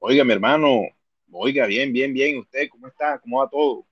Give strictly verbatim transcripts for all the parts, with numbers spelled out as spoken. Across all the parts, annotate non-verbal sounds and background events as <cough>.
Oiga, mi hermano, oiga, bien, bien, bien. ¿Usted cómo está? ¿Cómo va todo?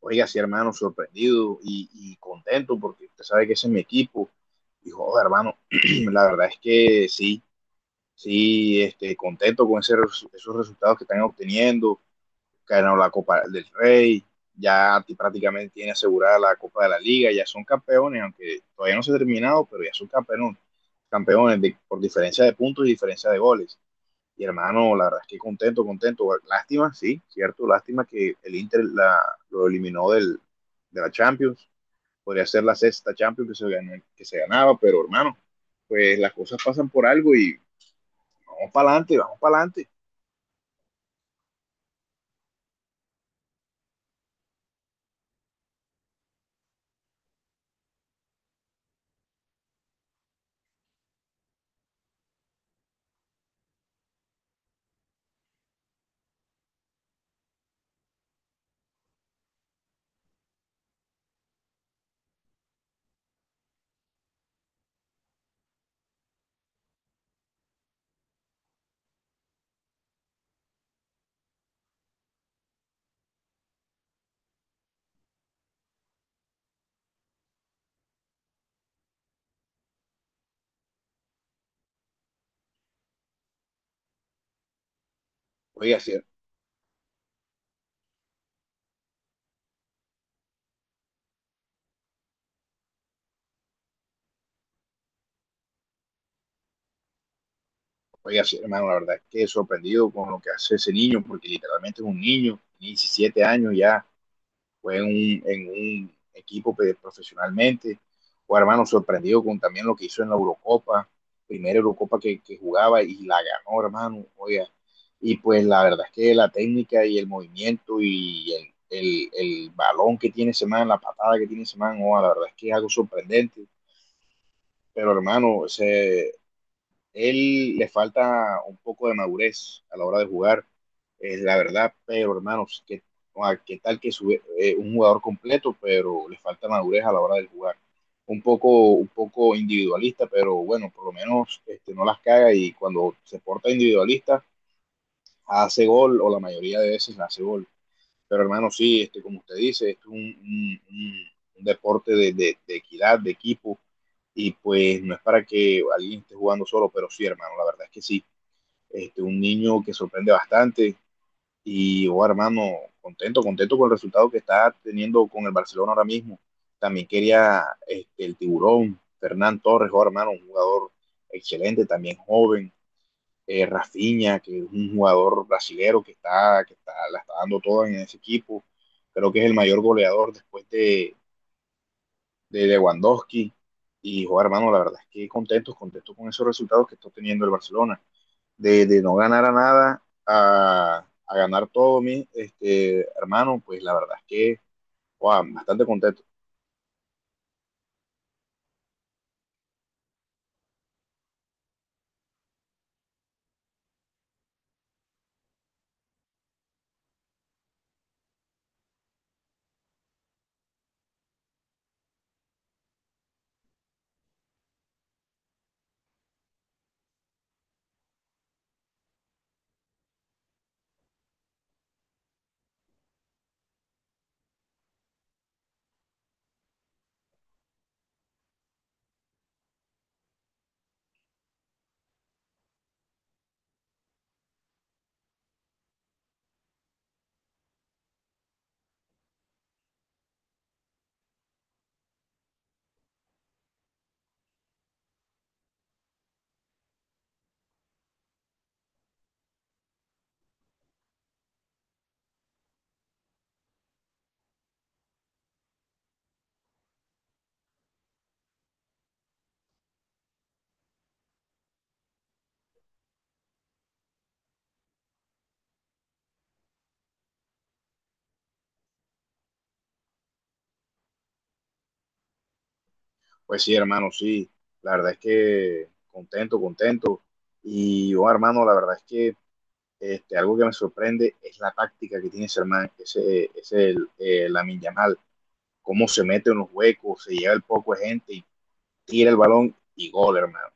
Oiga, sí, hermano, sorprendido y, y contento porque usted sabe que ese es mi equipo. Dijo joder, hermano, <clears throat> la verdad es que sí, sí, este, contento con ese resu- esos resultados que están obteniendo. Ganaron la Copa del Rey, ya ti- prácticamente tiene asegurada la Copa de la Liga, ya son campeones, aunque todavía no se ha terminado, pero ya son campeones, campeones de- por diferencia de puntos y diferencia de goles. Y hermano, la verdad es que contento, contento. Lástima, sí, cierto, lástima que el Inter la, lo eliminó del, de la Champions. Podría ser la sexta Champions que se, ganó, que se ganaba, pero hermano, pues las cosas pasan por algo y vamos para adelante, vamos para adelante. Oiga, sí, oiga, sí, hermano, la verdad es que sorprendido con lo que hace ese niño, porque literalmente es un niño, diecisiete años ya, fue un, en un equipo pues, profesionalmente. Guarmano sorprendido con también lo que hizo en la Eurocopa, primera Eurocopa que, que jugaba y la ganó, hermano, oiga. Y pues la verdad es que la técnica y el movimiento y el, el, el balón que tiene ese man, la patada que tiene ese man, oh, la verdad es que es algo sorprendente. Pero hermano, ese, él le falta un poco de madurez a la hora de jugar, es la verdad, pero hermanos, qué, qué tal que sube, eh, un jugador completo, pero le falta madurez a la hora de jugar. Un poco, un poco individualista, pero bueno, por lo menos este, no las caga y cuando se porta individualista hace gol o la mayoría de veces hace gol. Pero hermano, sí, este, como usted dice, esto es un, un, un, un deporte de, de, de equidad, de equipo y pues no es para que alguien esté jugando solo, pero sí, hermano, la verdad es que sí. Este, un niño que sorprende bastante. Y, oh, hermano, contento, contento con el resultado que está teniendo con el Barcelona ahora mismo. También quería este, el tiburón, Fernán Torres, oh, hermano, un jugador excelente, también joven. Eh, Rafinha, que es un jugador brasilero que está, que está, la está dando toda en ese equipo. Creo que es el mayor goleador después de, de Lewandowski. Y, joder, hermano, la verdad es que contentos, contentos con esos resultados que está teniendo el Barcelona de, de no ganar a nada a, a ganar todo, mi este, hermano, pues la verdad es que, wow, bastante contento. Pues sí, hermano, sí, la verdad es que contento, contento. Y yo, hermano, la verdad es que este, algo que me sorprende es la táctica que tiene ese hermano, ese, ese el, eh, Lamin Yamal, cómo se mete en los huecos, se lleva el poco de gente y tira el balón y gol, hermano.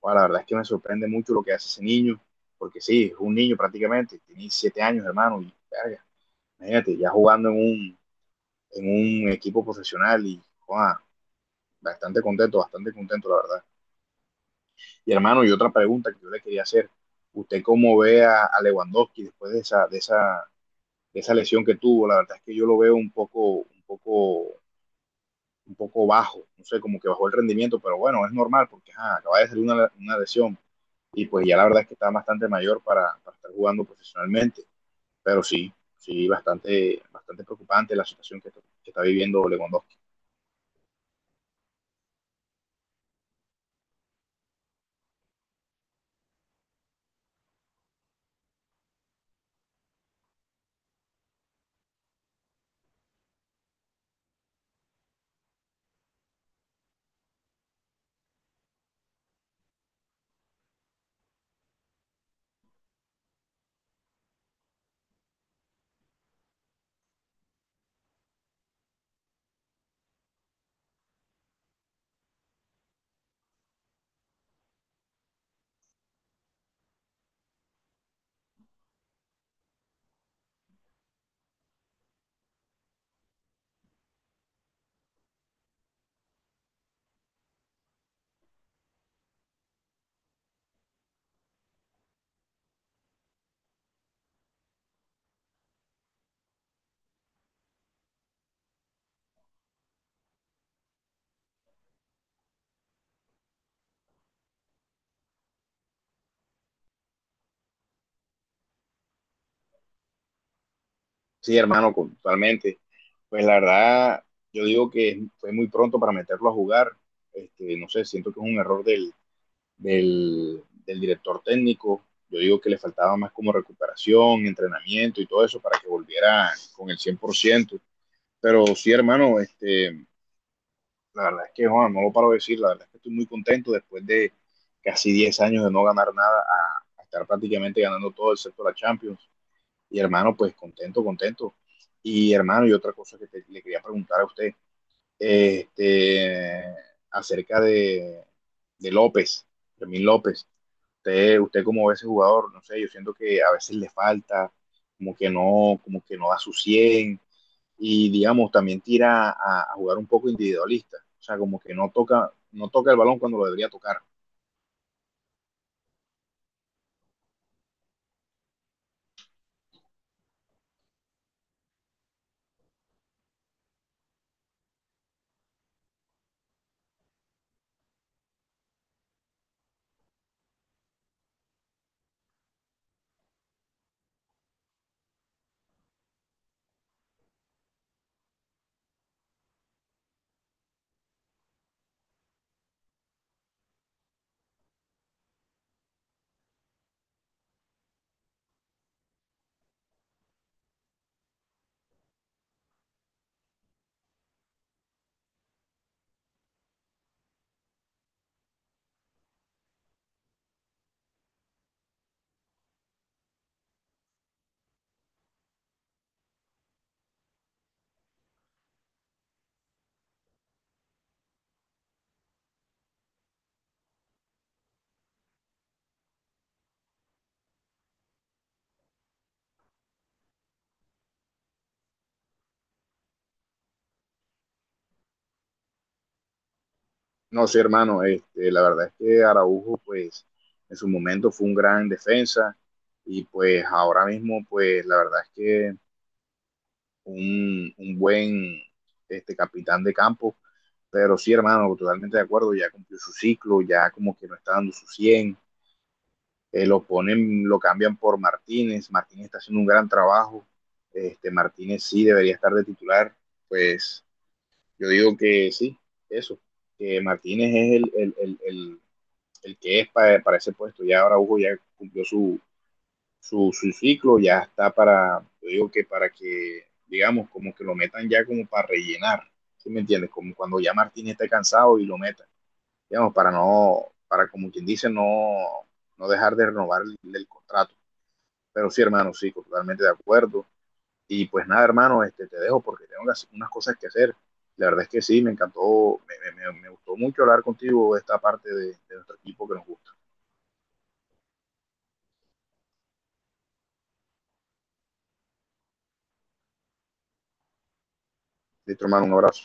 Bueno, la verdad es que me sorprende mucho lo que hace ese niño, porque sí, es un niño prácticamente, tiene siete años, hermano, y verga, imagínate, ya jugando en un, en un equipo profesional y wow, bastante contento, bastante contento, la verdad. Y hermano, y otra pregunta que yo le quería hacer, ¿usted cómo ve a, a Lewandowski después de esa, de esa, de esa lesión que tuvo? La verdad es que yo lo veo un poco, un poco un poco bajo, no sé, como que bajó el rendimiento, pero bueno, es normal porque ajá, acaba de salir una, una, lesión, y pues ya la verdad es que está bastante mayor para, para estar jugando profesionalmente, pero sí, sí, bastante, bastante preocupante la situación que, que está viviendo Lewandowski. Sí, hermano, totalmente. Pues la verdad, yo digo que fue muy pronto para meterlo a jugar. Este, no sé, siento que es un error del, del, del director técnico. Yo digo que le faltaba más como recuperación, entrenamiento y todo eso para que volviera con el cien por ciento. Pero sí, hermano, este, la verdad es que, Juan, no lo paro de decir, la verdad es que estoy muy contento después de casi diez años de no ganar nada a, a estar prácticamente ganando todo excepto la Champions. Y hermano, pues contento, contento. Y hermano, y otra cosa que te, le quería preguntar a usted, este, acerca de, de López, Fermín López. Usted, usted como ve ese jugador, no sé, yo siento que a veces le falta, como que no, como que no da su cien y digamos también tira a, a, jugar un poco individualista, o sea, como que no toca, no toca el balón cuando lo debería tocar. No sé, sí, hermano, este, la verdad es que Araujo, pues, en su momento fue un gran defensa y pues ahora mismo, pues, la verdad es que un, un buen este, capitán de campo, pero sí, hermano, totalmente de acuerdo, ya cumplió su ciclo, ya como que no está dando su cien eh, lo ponen, lo cambian por Martínez, Martínez está haciendo un gran trabajo, este, Martínez sí debería estar de titular, pues yo digo que sí, eso, que Martínez es el, el, el, el, el que es para, para, ese puesto, ya ahora Hugo ya cumplió su, su, su ciclo, ya está para, yo digo que para que, digamos, como que lo metan ya como para rellenar, ¿sí me entiendes? Como cuando ya Martínez esté cansado y lo metan, digamos, para no, para como quien dice, no, no dejar de renovar el, el contrato. Pero sí, hermano, sí, totalmente de acuerdo. Y pues nada, hermano, este, te dejo porque tengo unas, unas cosas que hacer. La verdad es que sí, me encantó, me, me, me me gustó mucho hablar contigo de esta parte de, de nuestro equipo que nos gusta. Listo, hermano, un abrazo.